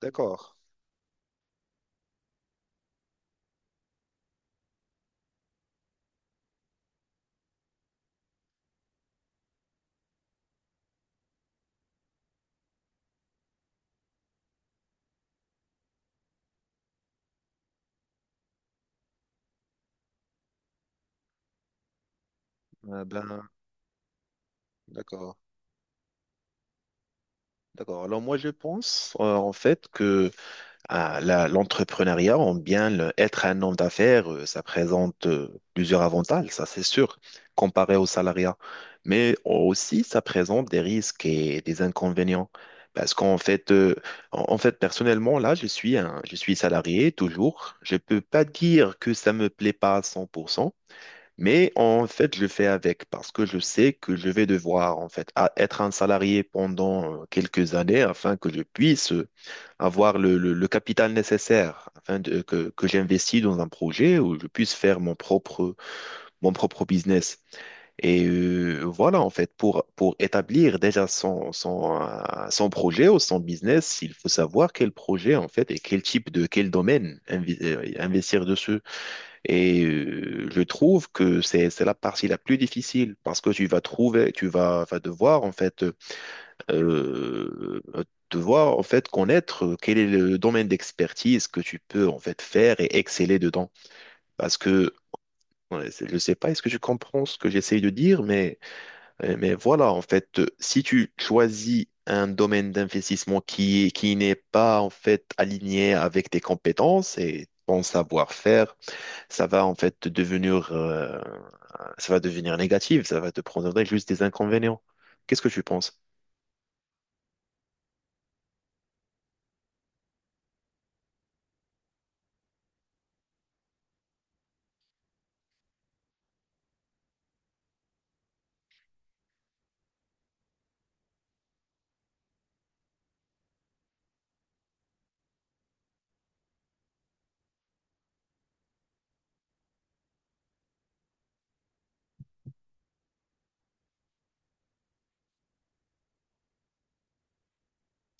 D'accord. Euh, ben, d'accord. D'accord. Alors moi, je pense en fait que l'entrepreneuriat, on bien être un homme d'affaires, ça présente plusieurs avantages, ça c'est sûr, comparé au salariat. Mais aussi, ça présente des risques et des inconvénients. Parce qu'en fait, en en fait, personnellement, là, je suis salarié toujours. Je peux pas dire que ça me plaît pas à 100%. Mais en fait, je fais avec parce que je sais que je vais devoir en fait être un salarié pendant quelques années afin que je puisse avoir le capital nécessaire que j'investis dans un projet où je puisse faire mon propre business. Et voilà, en fait, pour établir déjà son projet ou son business, il faut savoir quel projet, en fait, et quel type de, quel domaine investir dessus. Et je trouve que c'est la partie la plus difficile parce que tu vas devoir en fait euh, connaître quel est le domaine d'expertise que tu peux en fait faire et exceller dedans. Parce que ouais, je sais pas, est-ce que tu comprends ce que j'essaye de dire, mais mais voilà en fait, si tu choisis un domaine d'investissement qui n'est pas en fait aligné avec tes compétences et ton savoir-faire. ça va en fait devenir Ça va devenir négatif, ça va te prendre juste des inconvénients. Qu'est-ce que tu penses?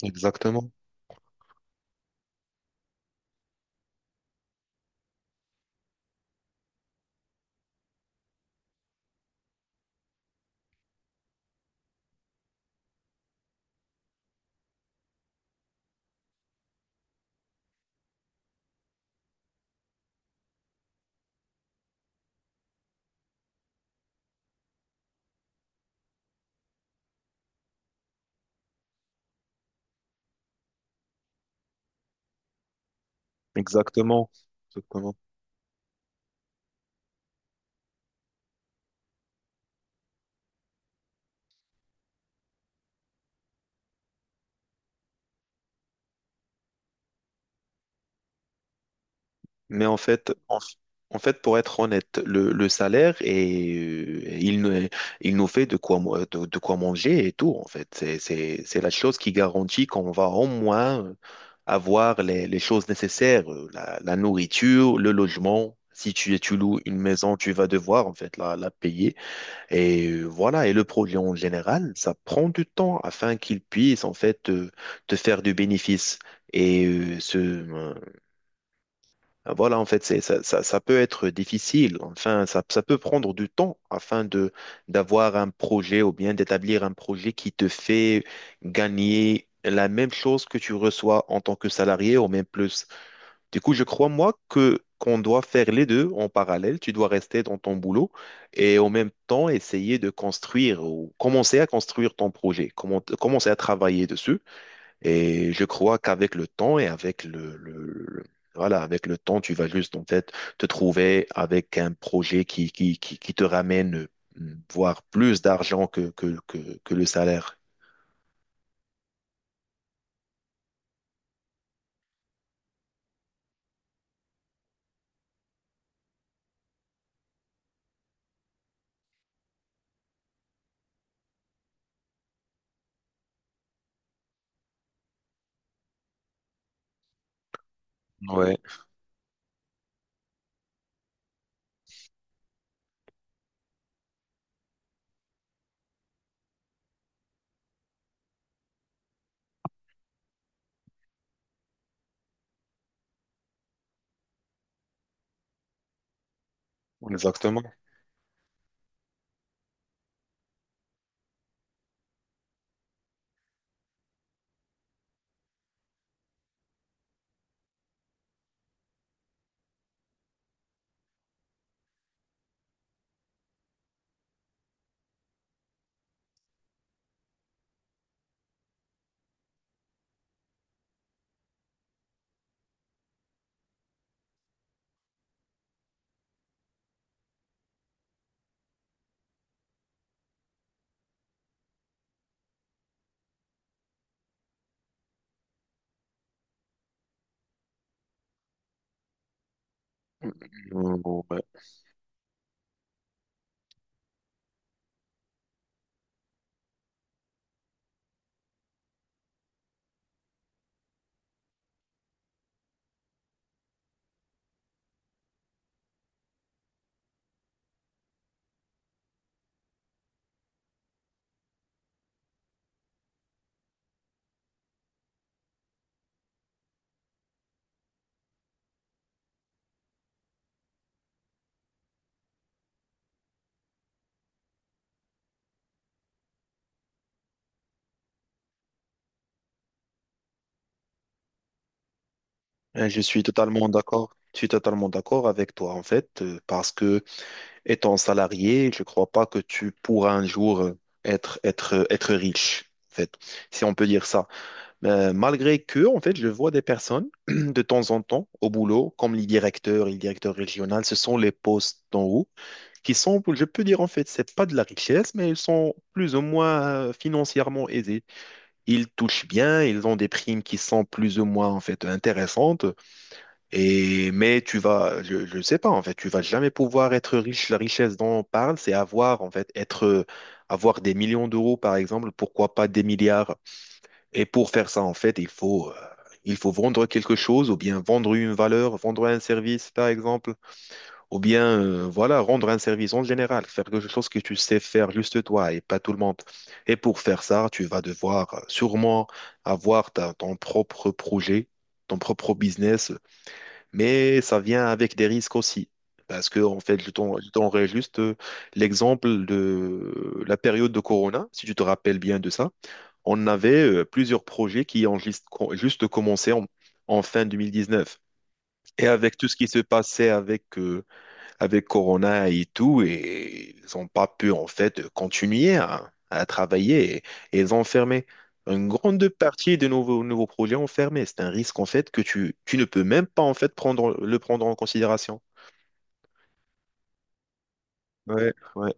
Exactement, exactement, exactement. Mais en fait, en fait, pour être honnête, le salaire il nous fait de quoi, de quoi manger et tout, en fait. C'est la chose qui garantit qu'on va au moins avoir les choses nécessaires, la nourriture, le logement. Si tu loues une maison, tu vas devoir, en fait, la payer. Et voilà, et le produit en général, ça prend du temps afin qu'il puisse en fait te faire du bénéfice. Et ce, voilà, en fait, c'est, ça peut être difficile. Enfin, ça peut prendre du temps afin de d'avoir un projet ou bien d'établir un projet qui te fait gagner la même chose que tu reçois en tant que salarié ou même plus. Du coup, je crois, moi, que qu'on doit faire les deux en parallèle. Tu dois rester dans ton boulot et en même temps essayer de construire ou commencer à construire ton projet, commencer à travailler dessus. Et je crois qu'avec le temps et avec voilà, avec le temps, tu vas juste en fait te trouver avec un projet qui te ramène voire plus d'argent que le salaire. Ouais, exactement. Je suis totalement d'accord. Je suis totalement d'accord avec toi, en fait, parce que étant salarié, je ne crois pas que tu pourras un jour être riche, en fait, si on peut dire ça. Malgré que, en fait, je vois des personnes de temps en temps au boulot, comme les directeurs, et les directeurs régionaux, ce sont les postes d'en haut qui sont, je peux dire, en fait, c'est pas de la richesse, mais ils sont plus ou moins financièrement aisés. Ils touchent bien, ils ont des primes qui sont plus ou moins, en fait, intéressantes. Et, mais tu vas, je sais pas, en fait, tu vas jamais pouvoir être riche. La richesse dont on parle, c'est avoir, en fait, être, avoir des millions d'euros, par exemple, pourquoi pas des milliards. Et pour faire ça, en fait, il faut vendre quelque chose, ou bien vendre une valeur, vendre un service, par exemple, ou bien, voilà, rendre un service en général, faire quelque chose que tu sais faire juste toi et pas tout le monde. Et pour faire ça, tu vas devoir sûrement avoir ton propre projet, ton propre business, mais ça vient avec des risques aussi. Parce que, en fait, je t'enverrai juste l'exemple de la période de Corona, si tu te rappelles bien de ça. On avait plusieurs projets qui ont juste commencé en fin 2019. Et avec tout ce qui se passait avec Corona et tout, et ils n'ont pas pu en fait continuer à travailler et ils ont fermé. Une grande partie des nouveaux projets ont fermé. C'est un risque en fait que tu ne peux même pas en fait le prendre en considération. Ouais, ouais,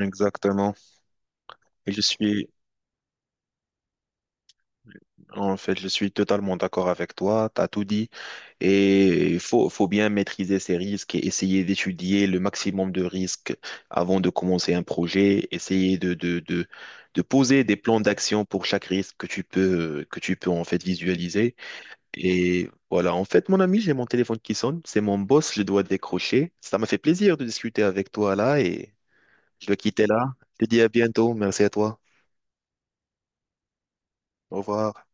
exactement. Et je suis, En fait, je suis totalement d'accord avec toi, tu as tout dit. Et faut bien maîtriser ces risques et essayer d'étudier le maximum de risques avant de commencer un projet, essayer de poser des plans d'action pour chaque risque que que tu peux en fait visualiser. Et voilà, en fait, mon ami, j'ai mon téléphone qui sonne, c'est mon boss, je dois décrocher. Ça m'a fait plaisir de discuter avec toi là et je dois quitter là. Je te dis à bientôt, merci à toi, au revoir.